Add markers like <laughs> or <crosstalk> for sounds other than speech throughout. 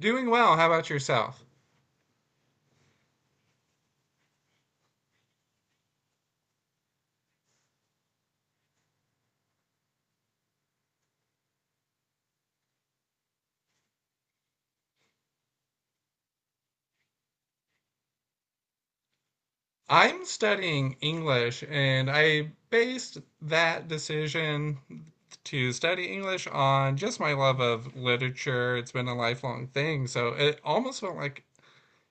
Doing well. How about yourself? I'm studying English, and I based that decision to study English on just my love of literature. It's been a lifelong thing, so it almost felt like,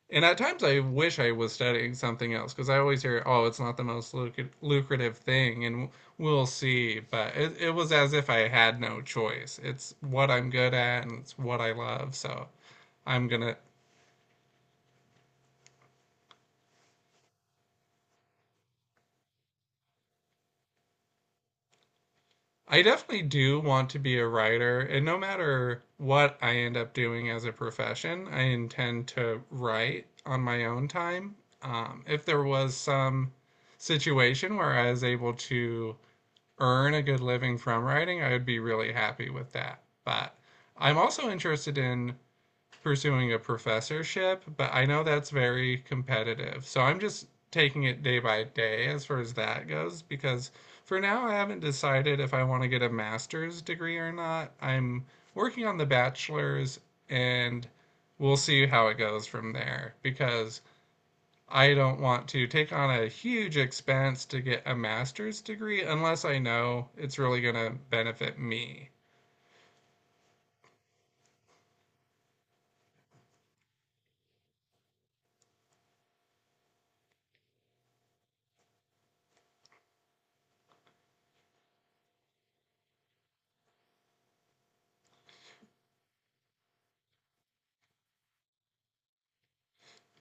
and at times I wish I was studying something else because I always hear, oh, it's not the most lucrative thing, and we'll see. But it was as if I had no choice. It's what I'm good at, and it's what I love, so I'm gonna I definitely do want to be a writer, and no matter what I end up doing as a profession, I intend to write on my own time. If there was some situation where I was able to earn a good living from writing, I would be really happy with that. But I'm also interested in pursuing a professorship, but I know that's very competitive. So I'm just taking it day by day as far as that goes because for now I haven't decided if I want to get a master's degree or not. I'm working on the bachelor's and we'll see how it goes from there because I don't want to take on a huge expense to get a master's degree unless I know it's really going to benefit me.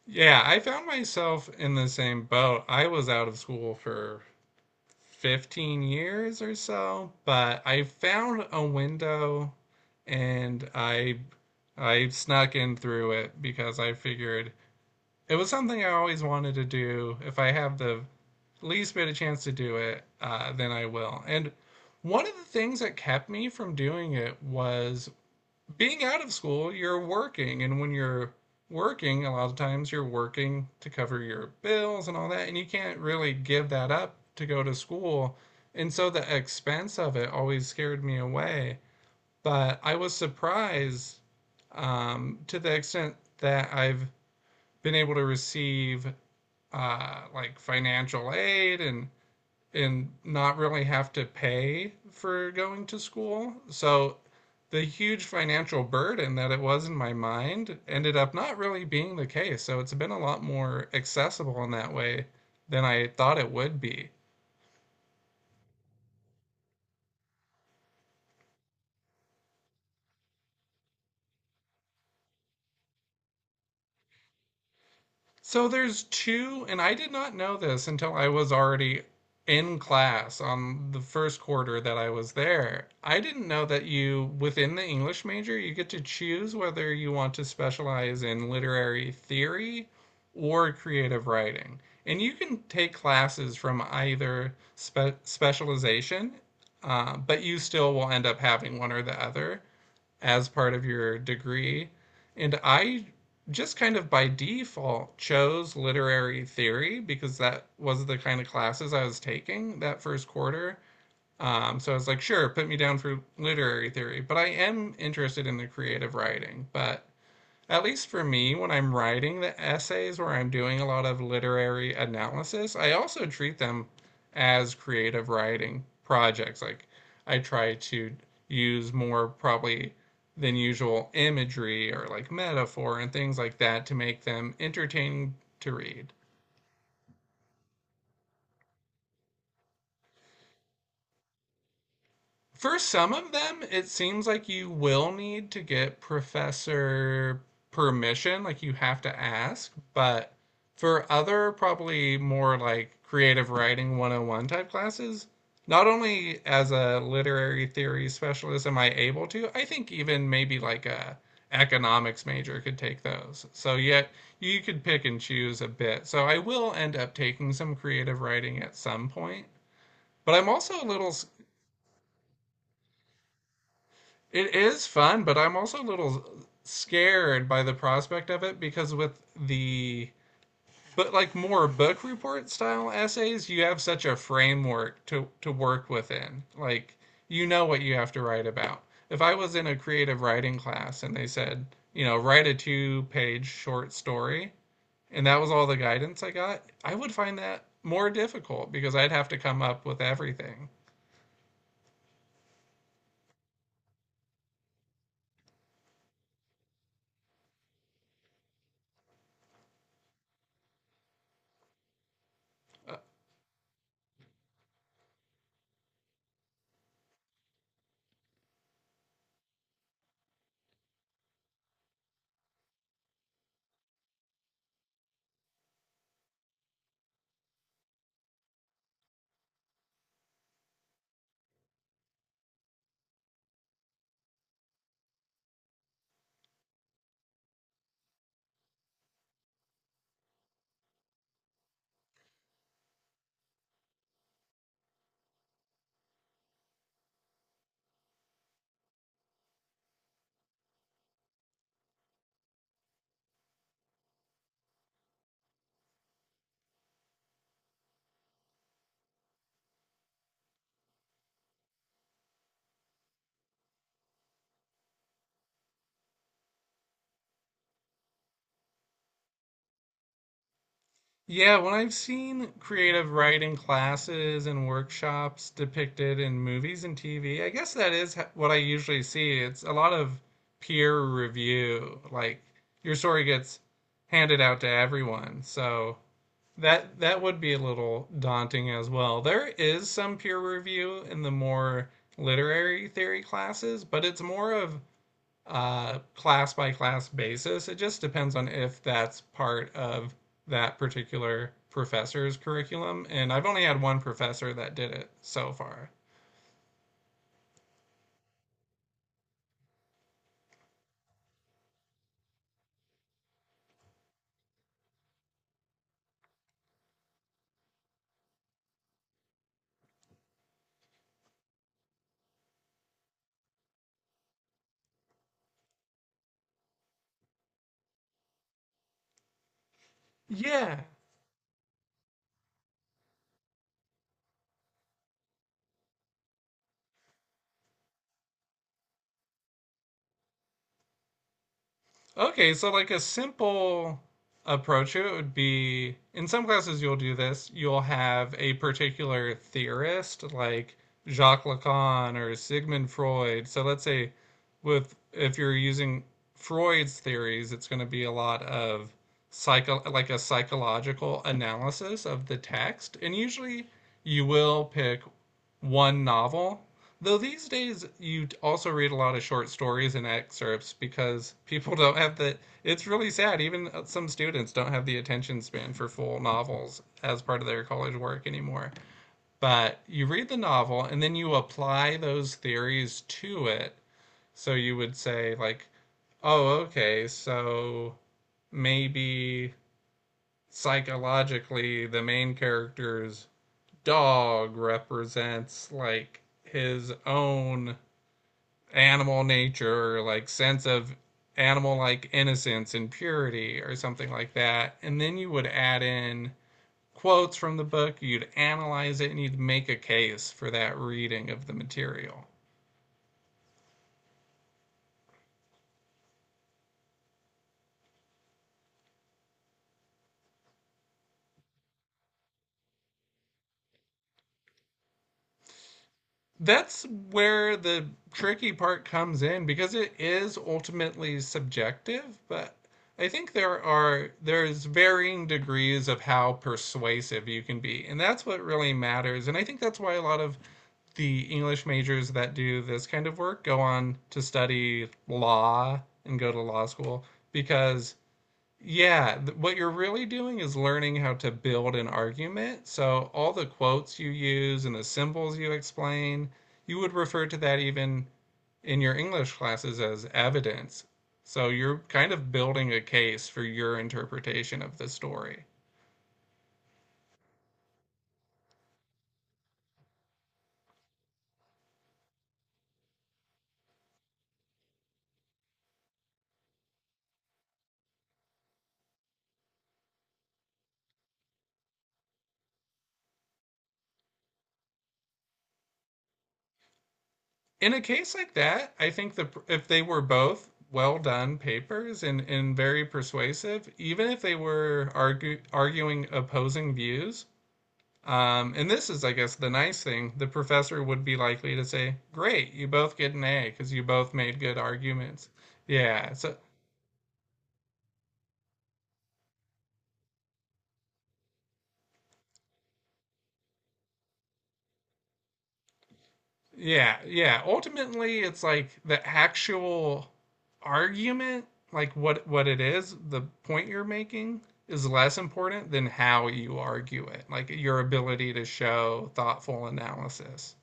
Yeah, I found myself in the same boat. I was out of school for 15 years or so, but I found a window and I snuck in through it because I figured it was something I always wanted to do. If I have the least bit of chance to do it, then I will. And one of the things that kept me from doing it was being out of school, you're working, and when you're working, a lot of times you're working to cover your bills and all that, and you can't really give that up to go to school. And so the expense of it always scared me away. But I was surprised to the extent that I've been able to receive like financial aid and not really have to pay for going to school. So the huge financial burden that it was in my mind ended up not really being the case. So it's been a lot more accessible in that way than I thought it would be. So there's two, and I did not know this until I was already in class on the first quarter that I was there. I didn't know that you, within the English major, you get to choose whether you want to specialize in literary theory or creative writing. And you can take classes from either specialization, but you still will end up having one or the other as part of your degree. And I just kind of by default chose literary theory because that was the kind of classes I was taking that first quarter. So I was like, sure, put me down for literary theory, but I am interested in the creative writing. But at least for me, when I'm writing the essays where I'm doing a lot of literary analysis, I also treat them as creative writing projects. Like I try to use more probably than usual imagery or like metaphor and things like that to make them entertaining to read. For some of them, it seems like you will need to get professor permission, like you have to ask, but for other probably more like creative writing 101 type classes, not only as a literary theory specialist am I able to, I think even maybe like a economics major could take those. So yet you could pick and choose a bit. So I will end up taking some creative writing at some point. But I'm also a little It is fun, but I'm also a little scared by the prospect of it because with the but like more book report style essays, you have such a framework to work within. Like you know what you have to write about. If I was in a creative writing class and they said, you know, write a two-page short story, and that was all the guidance I got, I would find that more difficult because I'd have to come up with everything. Yeah, when I've seen creative writing classes and workshops depicted in movies and TV, I guess that is what I usually see. It's a lot of peer review. Like your story gets handed out to everyone. So that would be a little daunting as well. There is some peer review in the more literary theory classes, but it's more of class by class basis. It just depends on if that's part of that particular professor's curriculum. And I've only had one professor that did it so far. Yeah. Okay, so like a simple approach to it would be in some classes you'll do this. You'll have a particular theorist like Jacques Lacan or Sigmund Freud. So let's say with if you're using Freud's theories, it's going to be a lot of psycho like a psychological analysis of the text. And usually you will pick one novel. Though these days you also read a lot of short stories and excerpts because people <laughs> don't have the. It's really sad. Even some students don't have the attention span for full novels as part of their college work anymore. But you read the novel and then you apply those theories to it. So you would say, like, oh, okay, so maybe psychologically the main character's dog represents, like, his own animal nature or like sense of animal like innocence and purity or something like that. And then you would add in quotes from the book, you'd analyze it, and you'd make a case for that reading of the material. That's where the tricky part comes in because it is ultimately subjective, but I think there are there's varying degrees of how persuasive you can be. And that's what really matters. And I think that's why a lot of the English majors that do this kind of work go on to study law and go to law school because yeah, what you're really doing is learning how to build an argument. So all the quotes you use and the symbols you explain, you would refer to that even in your English classes as evidence. So you're kind of building a case for your interpretation of the story. In a case like that, I think the if they were both well done papers and very persuasive, even if they were arguing opposing views, and this is, I guess, the nice thing, the professor would be likely to say, "Great, you both get an A because you both made good arguments." Yeah, so yeah, yeah. Ultimately, it's like the actual argument, like what it is, the point you're making is less important than how you argue it, like your ability to show thoughtful analysis.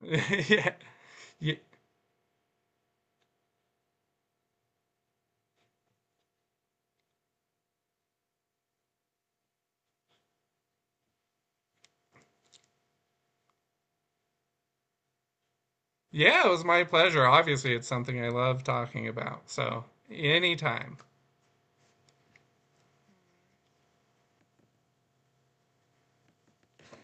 <laughs> Yeah. Ye- Yeah, it was my pleasure. Obviously, it's something I love talking about. So, anytime.